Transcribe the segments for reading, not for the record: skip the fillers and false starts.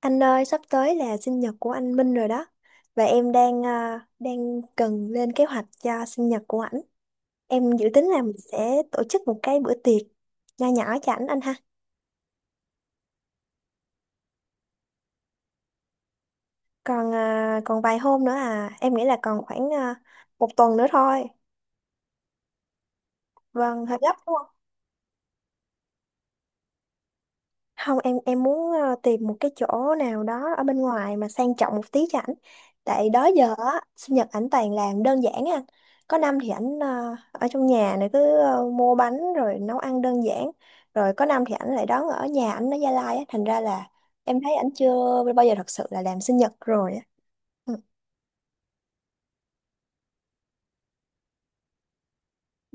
Anh ơi, sắp tới là sinh nhật của anh Minh rồi đó. Và em đang đang cần lên kế hoạch cho sinh nhật của ảnh. Em dự tính là mình sẽ tổ chức một cái bữa tiệc nho nhỏ cho ảnh anh ha. Còn còn vài hôm nữa em nghĩ là còn khoảng một tuần nữa thôi. Vâng, hơi gấp đúng. Không, em muốn tìm một cái chỗ nào đó ở bên ngoài mà sang trọng một tí cho ảnh. Tại đó giờ á, sinh nhật ảnh toàn làm đơn giản á anh. Có năm thì ảnh ở trong nhà này cứ mua bánh rồi nấu ăn đơn giản. Rồi có năm thì ảnh lại đón ở nhà ảnh ở Gia Lai á, thành ra là em thấy ảnh chưa bao giờ thật sự là làm sinh nhật rồi á. Ừ,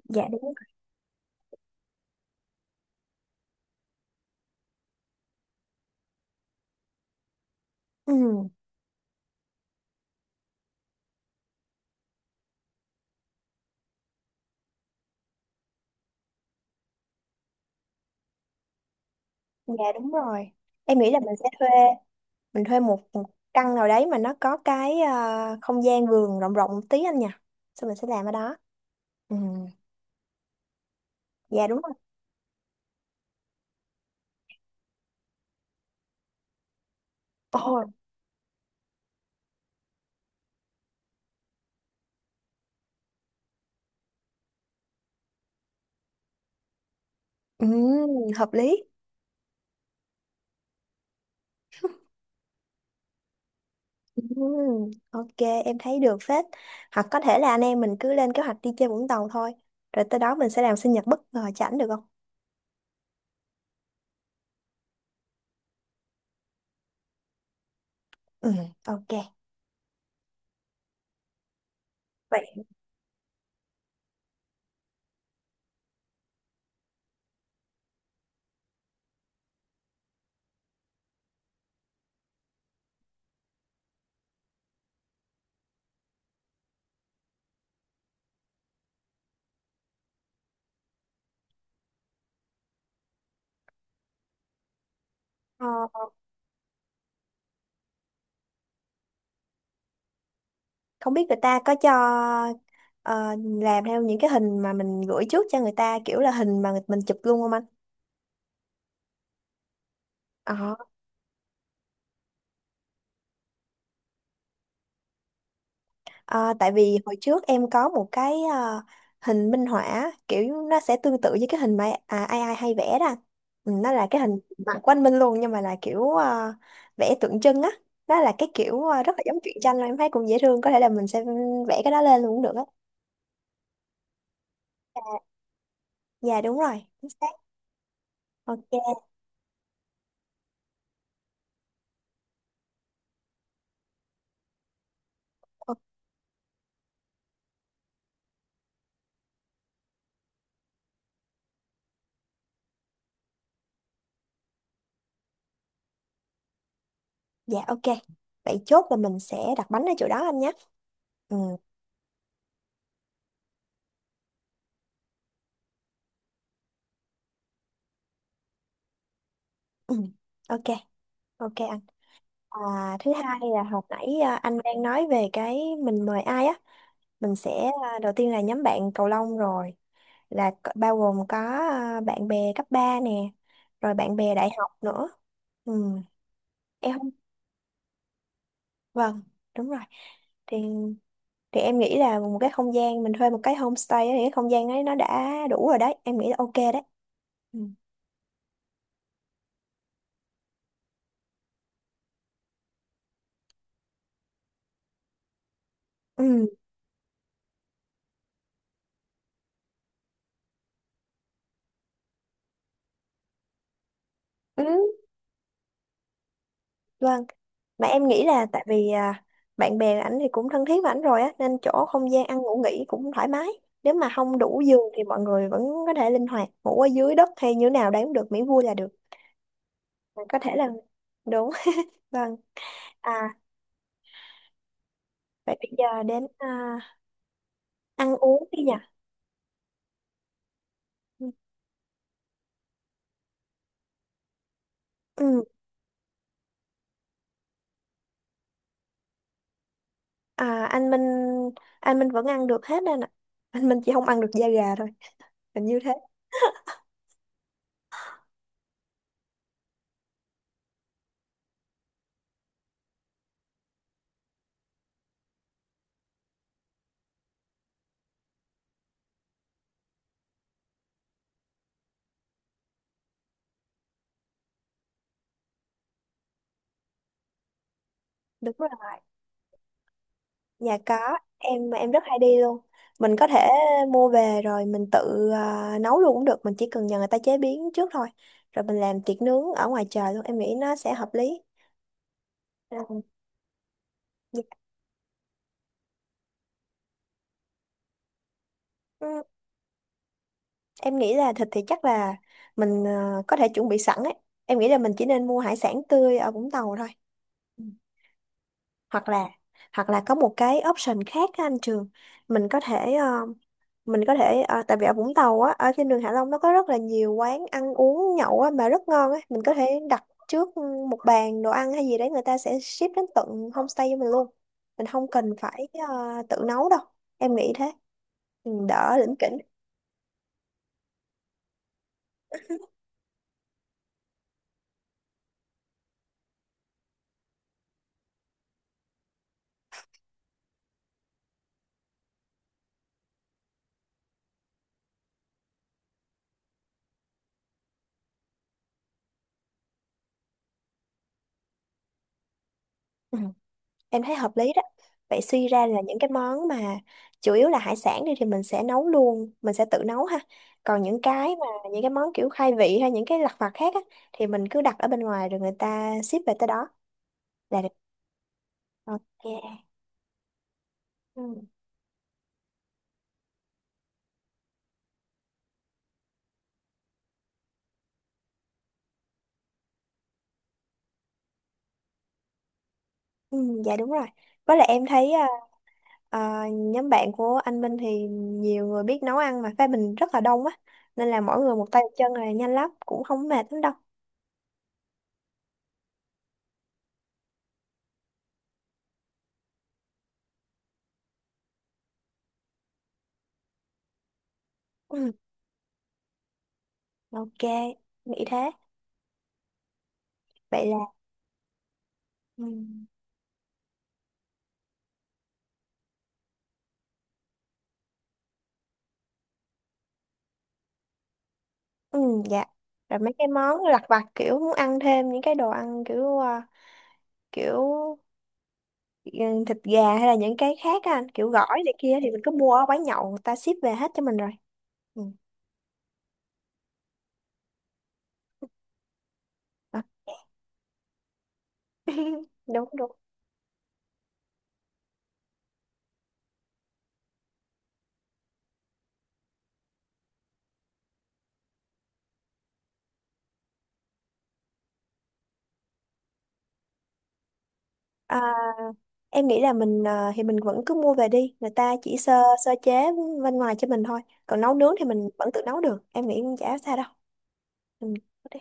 dạ đúng. Ừ, dạ đúng rồi. Em nghĩ là mình sẽ thuê mình thuê một căn nào đấy mà nó có cái không gian vườn rộng rộng một tí anh nhỉ. Xong mình sẽ làm ở đó. Ừ, dạ đúng rồi. Ồ, ừ, hợp lý. Ừ, ok, em thấy được phết. Hoặc có thể là anh em mình cứ lên kế hoạch đi chơi Vũng Tàu thôi. Rồi tới đó mình sẽ làm sinh nhật bất ngờ cho ảnh được không? Ừ, ok. Vậy ờ, không biết người ta có cho ờ, làm theo những cái hình mà mình gửi trước cho người ta kiểu là hình mà mình chụp luôn không anh? Ờ. À, tại vì hồi trước em có một cái hình minh họa kiểu nó sẽ tương tự với cái hình mà ai ai hay vẽ đó, ừ, nó là cái hình mặt của anh Minh luôn nhưng mà là kiểu vẽ tượng trưng á, đó là cái kiểu rất là giống truyện tranh mà em thấy cũng dễ thương, có thể là mình sẽ vẽ cái đó lên luôn cũng được á. Dạ đúng rồi, chính xác. Ok. o- dạ ok, vậy chốt là mình sẽ đặt bánh ở chỗ đó anh nhé. Ừ. Ừ. Ok. Ok anh. Thứ hai là hồi nãy anh đang nói về cái mình mời ai á, mình sẽ đầu tiên là nhóm bạn cầu lông, rồi là bao gồm có à, bạn bè cấp 3 nè, rồi bạn bè đại học nữa. Ừ. Em không, vâng, đúng rồi, thì thì em nghĩ là một cái không gian mình thuê một cái homestay á, thì cái không gian ấy nó đã đủ rồi đấy, em nghĩ là ok đấy. Ừ. Ừ. Ừ. Vâng, mà em nghĩ là tại vì bạn bè ảnh thì cũng thân thiết với ảnh rồi á nên chỗ không gian ăn ngủ nghỉ cũng thoải mái. Nếu mà không đủ giường thì mọi người vẫn có thể linh hoạt ngủ ở dưới đất hay như thế nào đấy cũng được, miễn vui là được. Mà có thể là đúng. Vâng. À vậy bây giờ đến ăn uống đi nhỉ. Ừ. À, anh Minh vẫn ăn được hết anh ạ. Anh Minh chỉ không ăn được da gà thôi. Hình như thế. Đúng rồi. Dạ có, em rất hay đi luôn. Mình có thể mua về rồi mình tự nấu luôn cũng được, mình chỉ cần nhờ người ta chế biến trước thôi. Rồi mình làm tiệc nướng ở ngoài trời luôn, em nghĩ nó sẽ hợp lý. Ừ. Dạ. Ừ, em nghĩ là thịt thì chắc là mình có thể chuẩn bị sẵn ấy. Em nghĩ là mình chỉ nên mua hải sản tươi ở Vũng Tàu thôi. Ừ. Hoặc là hoặc là có một cái option khác á anh Trường, mình có thể mình có thể à, tại vì ở Vũng Tàu á ở trên đường Hạ Long nó có rất là nhiều quán ăn uống nhậu á mà rất ngon á, mình có thể đặt trước ừ, một bàn đồ ăn hay gì đấy người ta sẽ ship đến tận homestay cho mình luôn, mình không cần phải tự nấu đâu, em nghĩ thế. Ừ, đỡ lỉnh kỉnh. Ừ. Em thấy hợp lý đó, vậy suy ra là những cái món mà chủ yếu là hải sản đi thì mình sẽ nấu luôn, mình sẽ tự nấu ha, còn những cái mà những cái món kiểu khai vị hay những cái lặt vặt khác á thì mình cứ đặt ở bên ngoài rồi người ta ship về tới đó là được. Ok. Ừ. Ừ, dạ đúng rồi. Với lại em thấy à, à, nhóm bạn của anh Minh thì nhiều người biết nấu ăn mà phe mình rất là đông á. Nên là mỗi người một tay một chân là nhanh lắm, cũng không mệt lắm đâu. Ừ. Ok, nghĩ thế. Vậy là ừ. Ừ, dạ. Rồi mấy cái món lặt vặt kiểu muốn ăn thêm những cái đồ ăn kiểu kiểu ừ, thịt gà hay là những cái khác á anh, kiểu gỏi này kia thì mình cứ mua ở quán nhậu người ta ship về hết cho mình rồi. Ừ. Đó. Đúng đúng. À, em nghĩ là mình thì mình vẫn cứ mua về đi, người ta chỉ sơ sơ chế bên ngoài cho mình thôi. Còn nấu nướng thì mình vẫn tự nấu được. Em nghĩ cũng chả sao đâu. Ừ. Đi.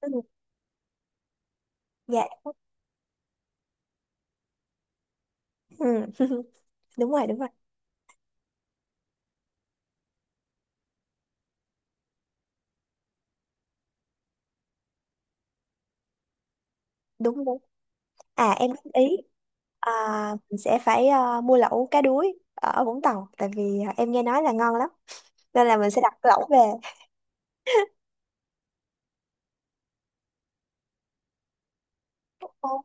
Ừ. Dạ. Ừ. Đúng rồi, đúng rồi. Đúng đúng. À em góp ý à, mình sẽ phải mua lẩu cá đuối ở Vũng Tàu tại vì ờ, em nghe nói là ngon lắm. Nên là mình sẽ đặt lẩu về. Ồ,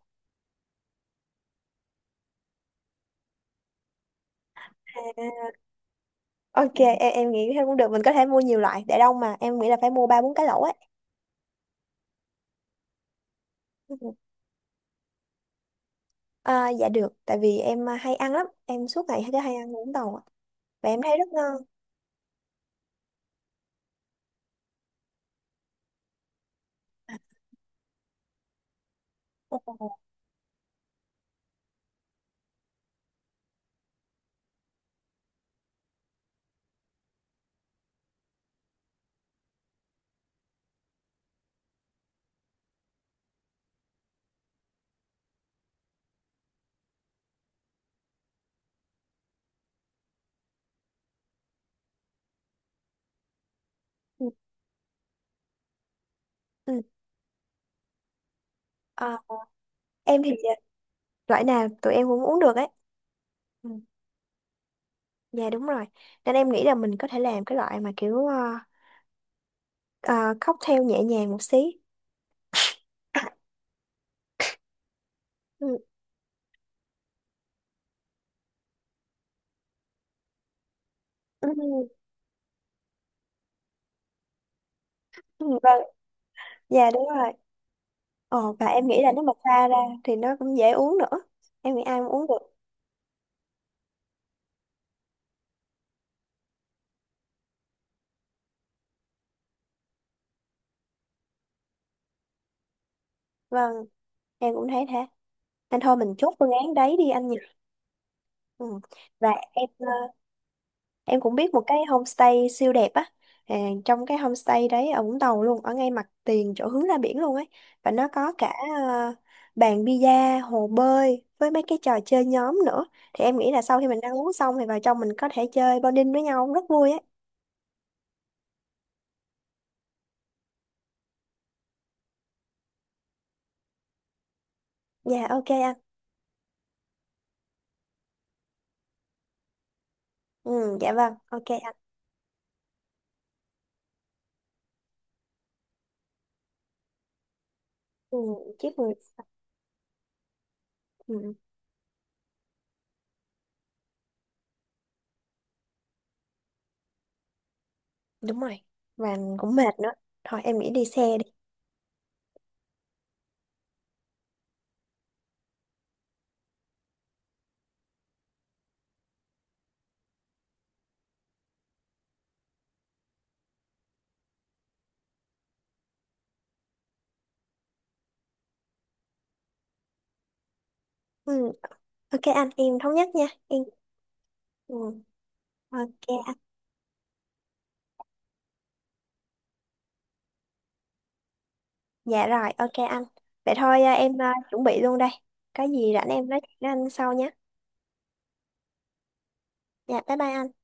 à, ok, em nghĩ thế cũng được. Mình có thể mua nhiều loại để đông mà. Em nghĩ là phải mua ba bốn cái lẩu ấy. À, dạ được, tại vì em hay ăn lắm, em suốt ngày cứ hay ăn uống tàu, ạ. Và em thấy rất ngon. Ồ. Ừ. Ừ. À, em thì dạ, loại nào tụi em cũng uống được ấy. Ừ. Dạ đúng rồi, nên em nghĩ là mình có thể làm cái loại mà kiểu à, à, cocktail nhẹ nhàng một xí. Ừ. Ừ. Ừ. Vâng, dạ đúng rồi. Ồ, và em nghĩ là nếu mà pha ra thì nó cũng dễ uống nữa. Em nghĩ ai cũng uống được. Vâng, em cũng thấy thế. Nên thôi mình chốt phương án đấy đi anh nhỉ. Ừ. Và em em cũng biết một cái homestay siêu đẹp á. À, trong cái homestay đấy ở Vũng Tàu luôn, ở ngay mặt tiền chỗ hướng ra biển luôn ấy. Và nó có cả ờ, bàn bida, hồ bơi với mấy cái trò chơi nhóm nữa. Thì em nghĩ là sau khi mình ăn uống xong thì vào trong mình có thể chơi bonding với nhau rất vui ấy. Dạ ok anh. Ừ, dạ vâng, ok anh. Ừ, chiếc người. Ừ, đúng rồi. Và cũng mệt nữa. Thôi em nghĩ đi xe đi. Ừ, ok anh, em thống nhất nha. Em. Ừ, ok. Dạ rồi, ok anh. Vậy thôi em à, chuẩn bị luôn đây. Có gì rảnh em nói chuyện với anh sau nhé. Dạ, bye bye anh.